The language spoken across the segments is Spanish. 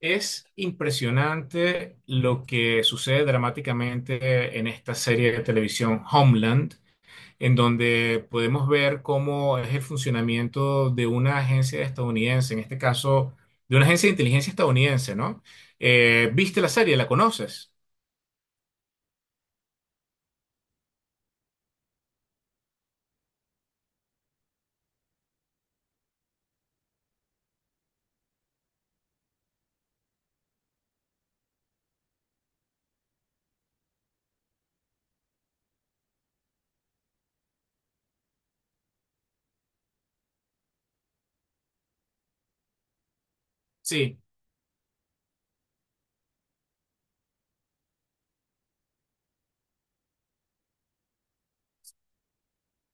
Es impresionante lo que sucede dramáticamente en esta serie de televisión Homeland, en donde podemos ver cómo es el funcionamiento de una agencia estadounidense, en este caso, de una agencia de inteligencia estadounidense, ¿no? ¿Viste la serie? ¿La conoces? Sí.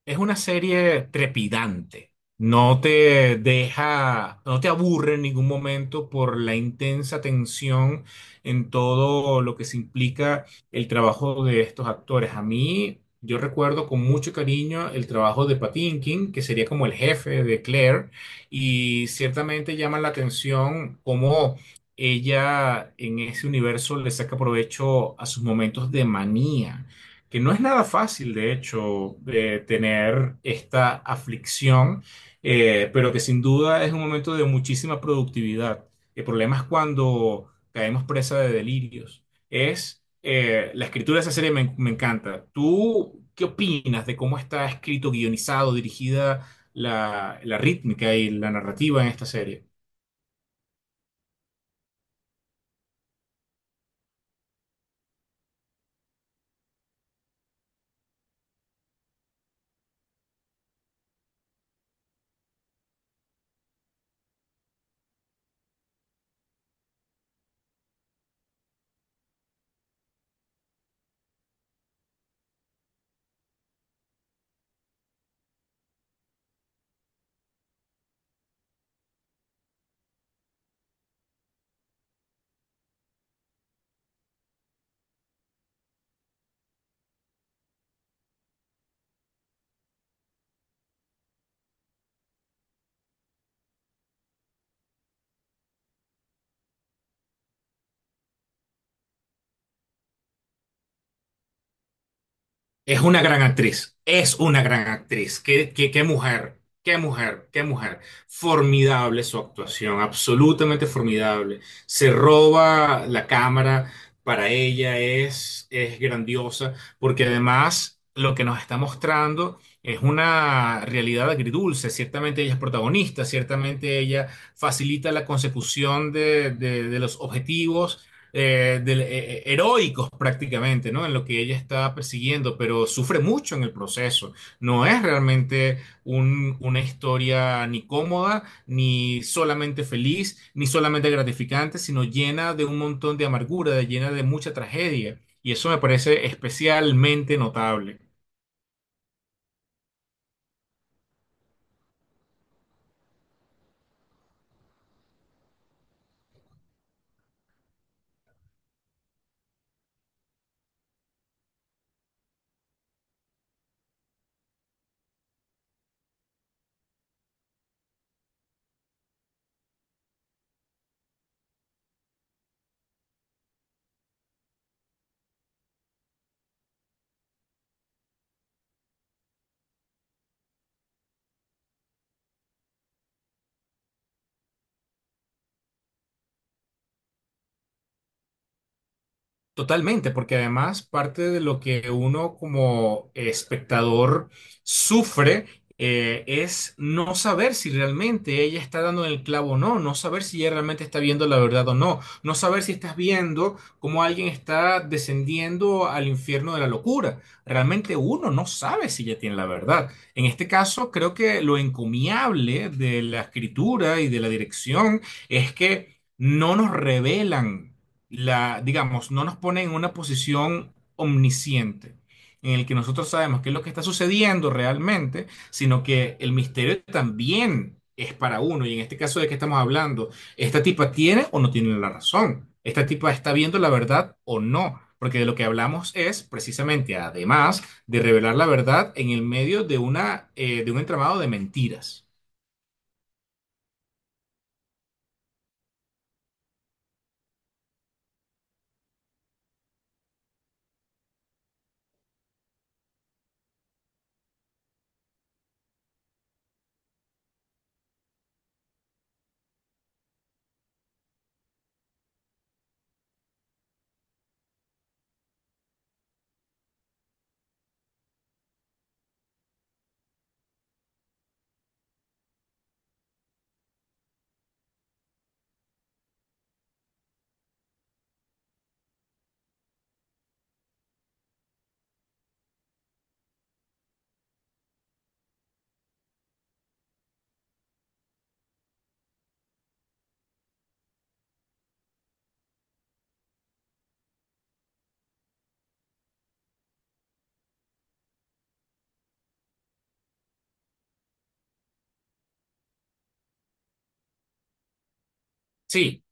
Es una serie trepidante. No te deja, no te aburre en ningún momento por la intensa tensión en todo lo que se implica el trabajo de estos actores. A mí, yo recuerdo con mucho cariño el trabajo de Patinkin, que sería como el jefe de Claire, y ciertamente llama la atención cómo ella en ese universo le saca provecho a sus momentos de manía que no es nada fácil, de hecho, tener esta aflicción, pero que sin duda es un momento de muchísima productividad. El problema es cuando caemos presa de delirios. Es la escritura de esa serie me encanta. ¿Tú qué opinas de cómo está escrito, guionizado, dirigida la rítmica y la narrativa en esta serie? Es una gran actriz, es una gran actriz. Qué mujer, qué mujer, qué mujer. Formidable su actuación, absolutamente formidable. Se roba la cámara, para ella es grandiosa, porque además lo que nos está mostrando es una realidad agridulce. Ciertamente ella es protagonista, ciertamente ella facilita la consecución de, de los objetivos heroicos prácticamente, ¿no? En lo que ella está persiguiendo, pero sufre mucho en el proceso. No es realmente una historia ni cómoda, ni solamente feliz, ni solamente gratificante, sino llena de un montón de amargura, llena de mucha tragedia. Y eso me parece especialmente notable. Totalmente, porque además parte de lo que uno como espectador sufre es no saber si realmente ella está dando en el clavo o no, no saber si ella realmente está viendo la verdad o no, no saber si estás viendo cómo alguien está descendiendo al infierno de la locura. Realmente uno no sabe si ella tiene la verdad. En este caso, creo que lo encomiable de la escritura y de la dirección es que no nos revelan la, digamos, no nos pone en una posición omnisciente, en el que nosotros sabemos qué es lo que está sucediendo realmente, sino que el misterio también es para uno. Y en este caso de qué estamos hablando, ¿esta tipa tiene o no tiene la razón? ¿Esta tipa está viendo la verdad o no? Porque de lo que hablamos es precisamente, además de revelar la verdad en el medio de una, de un entramado de mentiras. Sí.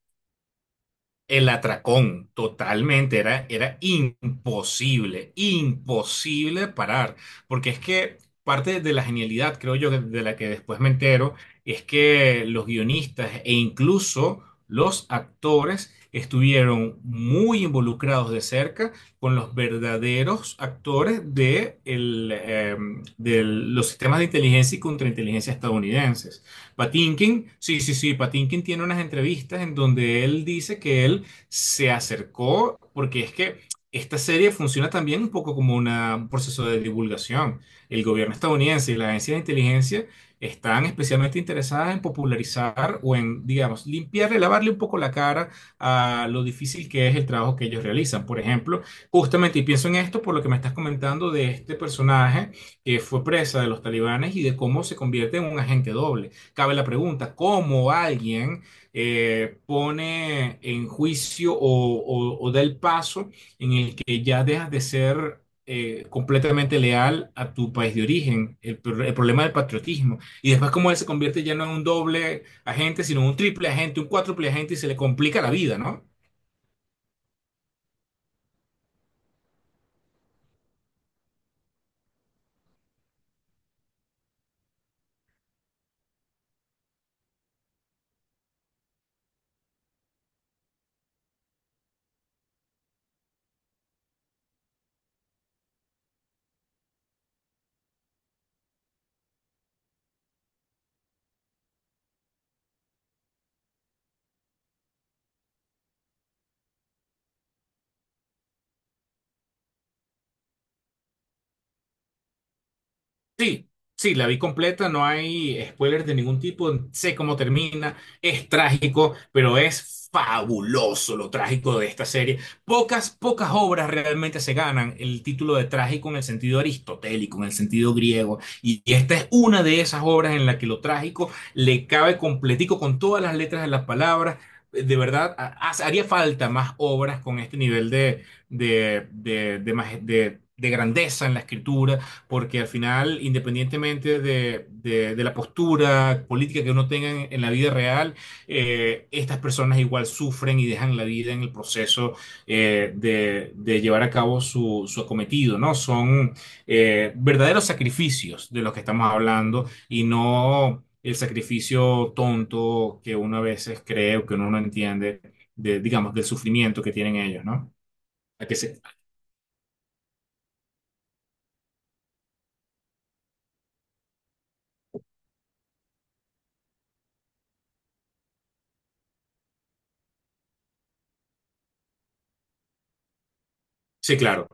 El atracón, totalmente, era imposible, imposible parar, porque es que parte de la genialidad, creo yo, de la que después me entero, es que los guionistas e incluso los actores estuvieron muy involucrados de cerca con los verdaderos actores de, de los sistemas de inteligencia y contrainteligencia estadounidenses. Patinkin, sí, Patinkin tiene unas entrevistas en donde él dice que él se acercó, porque es que esta serie funciona también un poco como un proceso de divulgación. El gobierno estadounidense y la agencia de inteligencia están especialmente interesadas en popularizar o en, digamos, limpiarle, lavarle un poco la cara a lo difícil que es el trabajo que ellos realizan. Por ejemplo, justamente, y pienso en esto por lo que me estás comentando de este personaje que fue presa de los talibanes y de cómo se convierte en un agente doble cabe la pregunta, ¿cómo alguien pone en juicio o, o da el paso en el que ya dejas de ser completamente leal a tu país de origen? El problema del patriotismo. Y después cómo él se convierte ya no en un doble agente, sino en un triple agente, un cuádruple agente y se le complica la vida, ¿no? Sí, sí, la vi completa, no hay spoilers de ningún tipo, sé cómo termina, es trágico, pero es fabuloso lo trágico de esta serie. Pocas, pocas obras realmente se ganan el título de trágico en el sentido aristotélico, en el sentido griego, y esta es una de esas obras en la que lo trágico le cabe completico con todas las letras de las palabras. De verdad, haría falta más obras con este nivel de, de grandeza en la escritura porque al final, independientemente de, de la postura política que uno tenga en la vida real, estas personas igual sufren y dejan la vida en el proceso de llevar a cabo su, su acometido, ¿no? Son verdaderos sacrificios de los que estamos hablando y no el sacrificio tonto que uno a veces cree o que uno no entiende, de, digamos, del sufrimiento que tienen ellos, ¿no? A que se- sí, claro.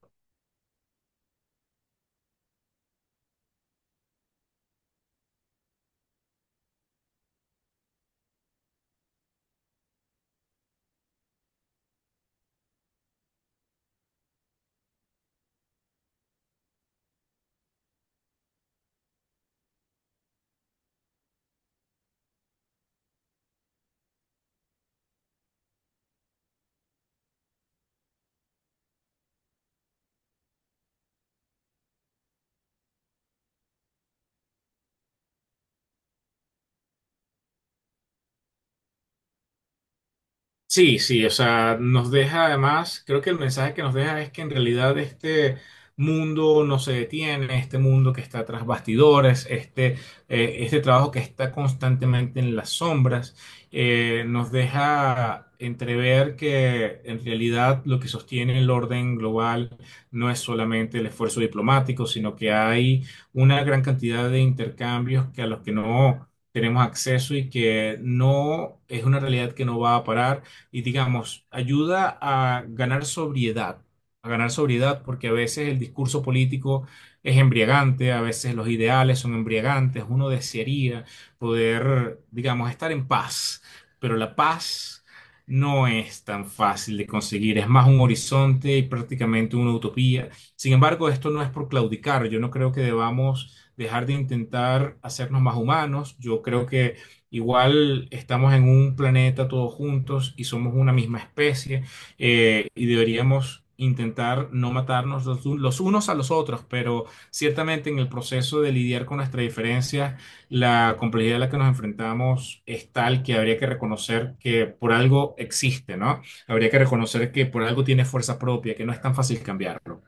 Sí, sí, o sea, nos deja además, creo que el mensaje que nos deja es que en realidad este mundo no se detiene, este mundo que está tras bastidores, este trabajo que está constantemente en las sombras, nos deja entrever que en realidad lo que sostiene el orden global no es solamente el esfuerzo diplomático, sino que hay una gran cantidad de intercambios que a los que no tenemos acceso y que no es una realidad que no va a parar y digamos, ayuda a ganar sobriedad porque a veces el discurso político es embriagante, a veces los ideales son embriagantes, uno desearía poder, digamos, estar en paz, pero la paz no es tan fácil de conseguir, es más un horizonte y prácticamente una utopía. Sin embargo, esto no es por claudicar, yo no creo que debamos dejar de intentar hacernos más humanos, yo creo que igual estamos en un planeta todos juntos y somos una misma especie y deberíamos intentar no matarnos los unos a los otros, pero ciertamente en el proceso de lidiar con nuestras diferencias, la complejidad a la que nos enfrentamos es tal que habría que reconocer que por algo existe, ¿no? Habría que reconocer que por algo tiene fuerza propia, que no es tan fácil cambiarlo.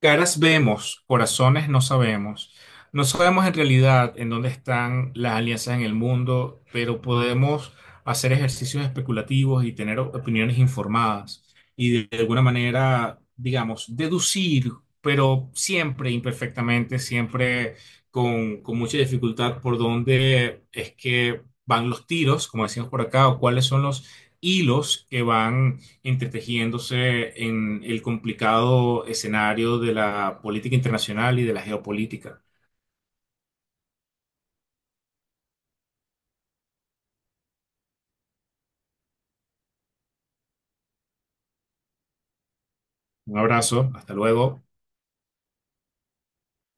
Caras vemos, corazones no sabemos. No sabemos en realidad en dónde están las alianzas en el mundo, pero podemos hacer ejercicios especulativos y tener opiniones informadas y de alguna manera, digamos, deducir, pero siempre imperfectamente, siempre con mucha dificultad por dónde es que van los tiros, como decimos por acá, o cuáles son los hilos que van entretejiéndose en el complicado escenario de la política internacional y de la geopolítica. Un abrazo, hasta luego.